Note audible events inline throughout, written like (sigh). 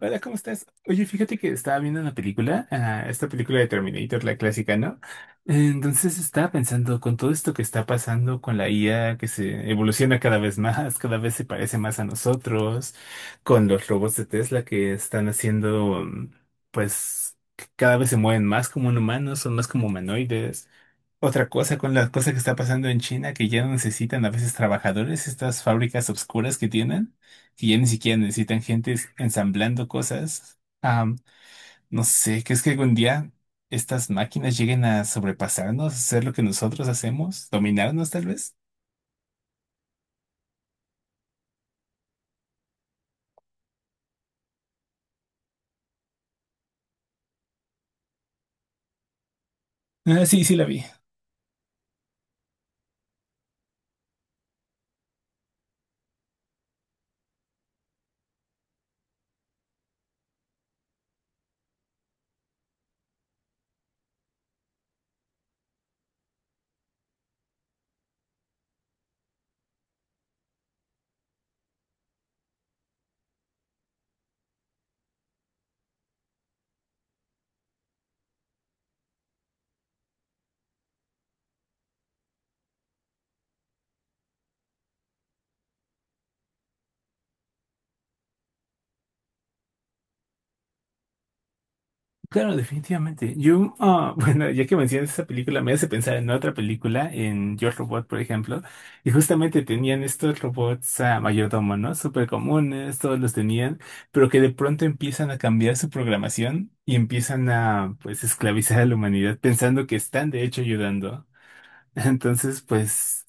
Hola, ¿cómo estás? Oye, fíjate que estaba viendo una película, esta película de Terminator, la clásica, ¿no? Entonces estaba pensando, con todo esto que está pasando con la IA, que se evoluciona cada vez más, cada vez se parece más a nosotros, con los robots de Tesla que están haciendo, pues, que cada vez se mueven más como un humano, son más como humanoides. Otra cosa con las cosas que está pasando en China, que ya no necesitan a veces trabajadores, estas fábricas obscuras que tienen, que ya ni siquiera necesitan gente ensamblando cosas. No sé, ¿crees que algún día estas máquinas lleguen a sobrepasarnos, hacer lo que nosotros hacemos, dominarnos tal vez? Ah, sí, sí la vi. Claro, definitivamente. Yo, (laughs) bueno, ya que mencionas esa película, me hace pensar en otra película, en Yo Robot, por ejemplo, y justamente tenían estos robots a mayordomo, ¿no? Súper comunes, todos los tenían, pero que de pronto empiezan a cambiar su programación y empiezan a, pues, esclavizar a la humanidad pensando que están, de hecho, ayudando. (laughs) Entonces, pues,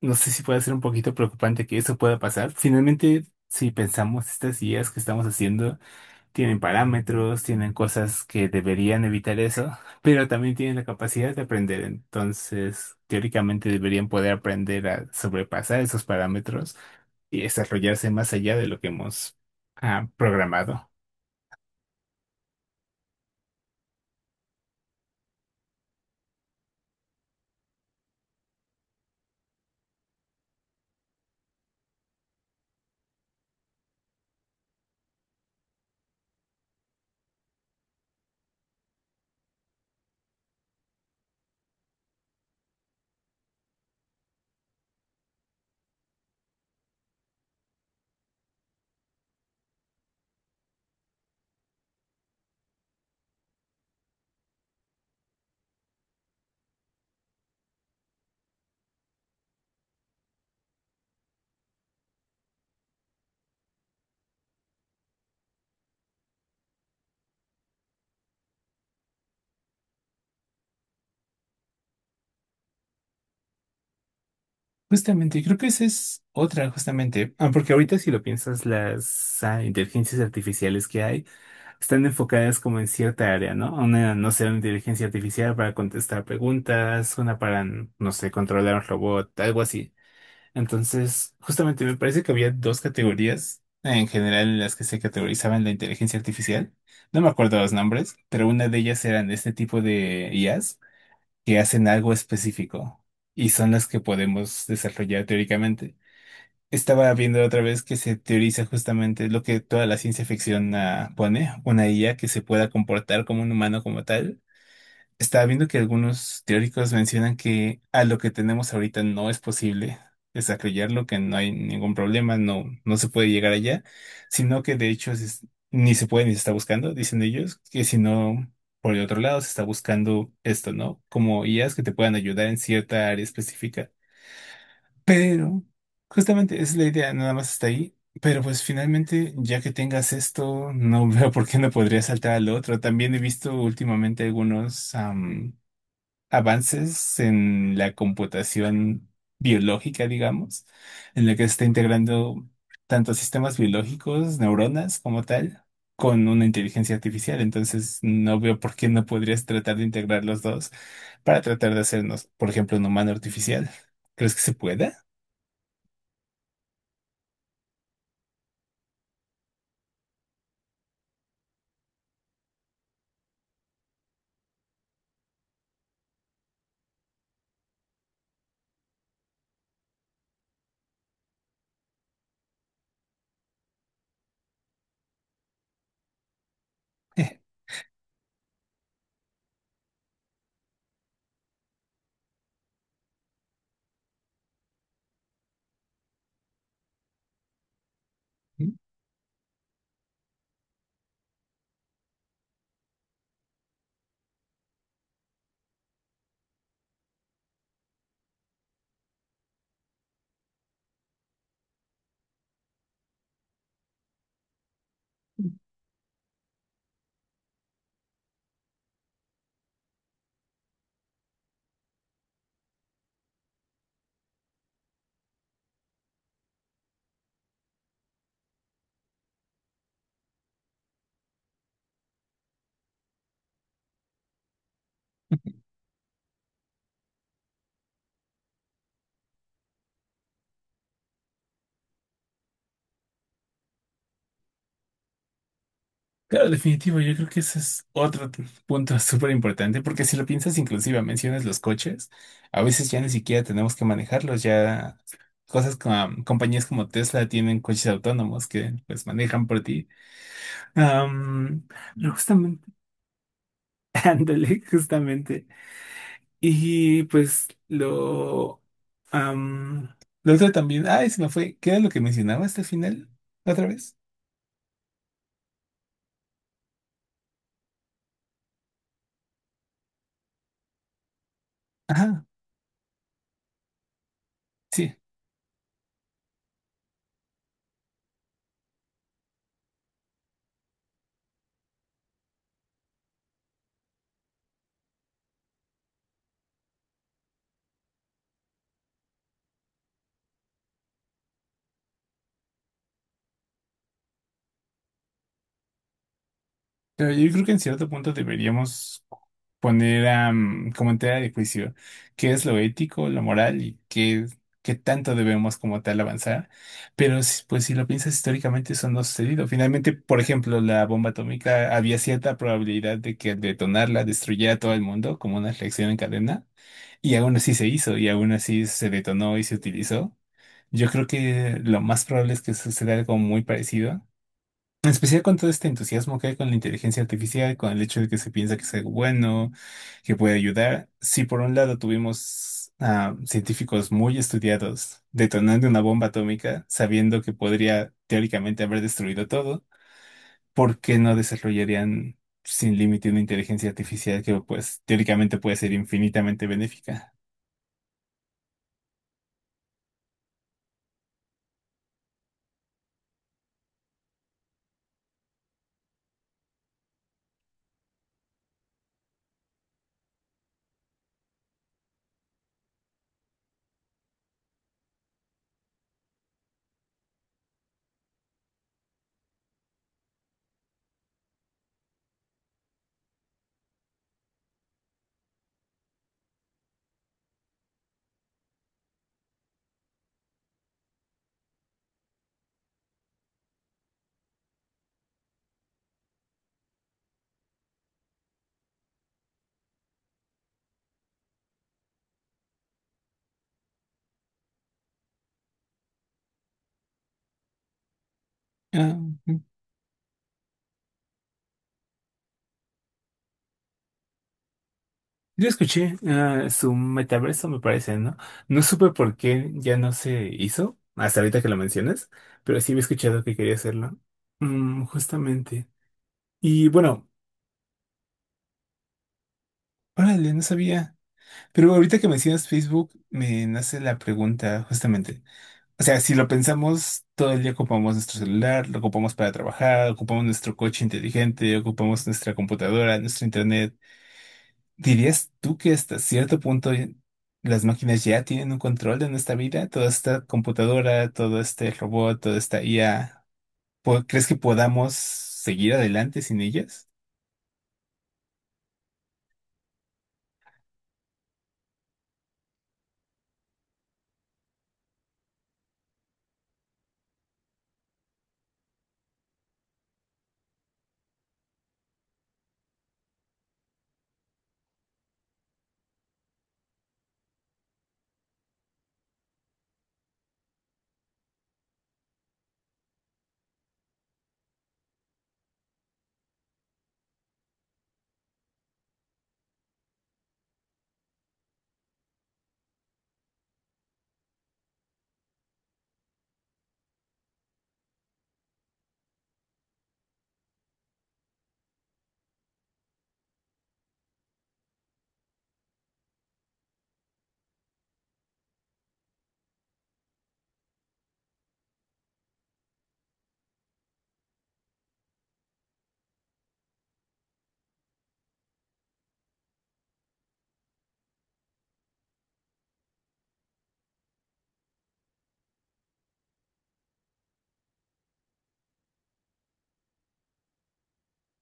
no sé si puede ser un poquito preocupante que eso pueda pasar. Finalmente, si pensamos estas ideas que estamos haciendo, tienen parámetros, tienen cosas que deberían evitar eso, pero también tienen la capacidad de aprender. Entonces, teóricamente deberían poder aprender a sobrepasar esos parámetros y desarrollarse más allá de lo que hemos programado. Justamente, creo que esa es otra, justamente. Porque ahorita si lo piensas, las inteligencias artificiales que hay están enfocadas como en cierta área, ¿no? Una, no sé, una inteligencia artificial para contestar preguntas, una para, no sé, controlar un robot, algo así. Entonces, justamente me parece que había dos categorías en general en las que se categorizaban la inteligencia artificial. No me acuerdo los nombres, pero una de ellas eran este tipo de IAs que hacen algo específico y son las que podemos desarrollar teóricamente. Estaba viendo otra vez que se teoriza justamente lo que toda la ciencia ficción pone, una IA que se pueda comportar como un humano como tal. Estaba viendo que algunos teóricos mencionan que a lo que tenemos ahorita no es posible desarrollarlo, que no hay ningún problema, no, no se puede llegar allá, sino que de hecho ni se puede ni se está buscando, dicen ellos, que si no, por el otro lado se está buscando esto, ¿no? Como IAs que te puedan ayudar en cierta área específica. Pero justamente esa es la idea, nada más está ahí. Pero pues finalmente, ya que tengas esto, no (laughs) veo por qué no podría saltar al otro. También he visto últimamente algunos avances en la computación biológica, digamos, en la que se está integrando tanto sistemas biológicos, neuronas como tal, con una inteligencia artificial. Entonces, no veo por qué no podrías tratar de integrar los dos para tratar de hacernos, por ejemplo, un humano artificial. ¿Crees que se pueda? (laughs) Claro, definitivo, yo creo que ese es otro punto (laughs) súper importante, porque si lo piensas, inclusive mencionas los coches, a veces ya ni siquiera tenemos que manejarlos, ya cosas como compañías como Tesla tienen coches autónomos que pues manejan por ti. Am, pero justamente, (laughs) ándale, justamente. Y pues lo, am, lo otro también, ay, se me fue, ¿qué era lo que mencionabas al final? ¿Otra vez? Ajá, sí. Pero yo creo que en cierto punto deberíamos poner como en tela de juicio qué es lo ético, lo moral y qué, qué tanto debemos como tal avanzar. Pero pues si lo piensas históricamente, eso no ha sucedido. Finalmente, por ejemplo, la bomba atómica había cierta probabilidad de que al detonarla destruyera todo el mundo como una reacción en cadena y aún así se hizo y aún así se detonó y se utilizó. Yo creo que lo más probable es que suceda algo muy parecido. En especial con todo este entusiasmo que hay con la inteligencia artificial, con el hecho de que se piensa que es algo bueno, que puede ayudar. Si por un lado tuvimos a científicos muy estudiados detonando una bomba atómica, sabiendo que podría teóricamente haber destruido todo, ¿por qué no desarrollarían sin límite una inteligencia artificial que pues teóricamente puede ser infinitamente benéfica? Ah, yo escuché su metaverso, me parece, ¿no? No supe por qué ya no se hizo, hasta ahorita que lo mencionas, pero sí había escuchado que quería hacerlo. Mm, justamente. Y bueno, órale, no sabía. Pero ahorita que mencionas Facebook, me nace la pregunta, justamente. O sea, si lo pensamos, todo el día ocupamos nuestro celular, lo ocupamos para trabajar, ocupamos nuestro coche inteligente, ocupamos nuestra computadora, nuestro internet. ¿Dirías tú que hasta cierto punto las máquinas ya tienen un control de nuestra vida? Toda esta computadora, todo este robot, toda esta IA, ¿crees que podamos seguir adelante sin ellas?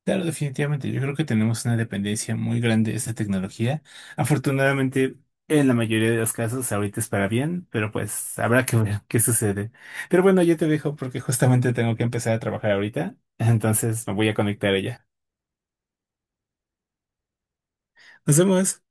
Claro, definitivamente. Yo creo que tenemos una dependencia muy grande de esta tecnología. Afortunadamente, en la mayoría de los casos, ahorita es para bien, pero pues habrá que ver qué sucede. Pero bueno, yo te dejo porque justamente tengo que empezar a trabajar ahorita, entonces me voy a conectar a ella. Nos vemos.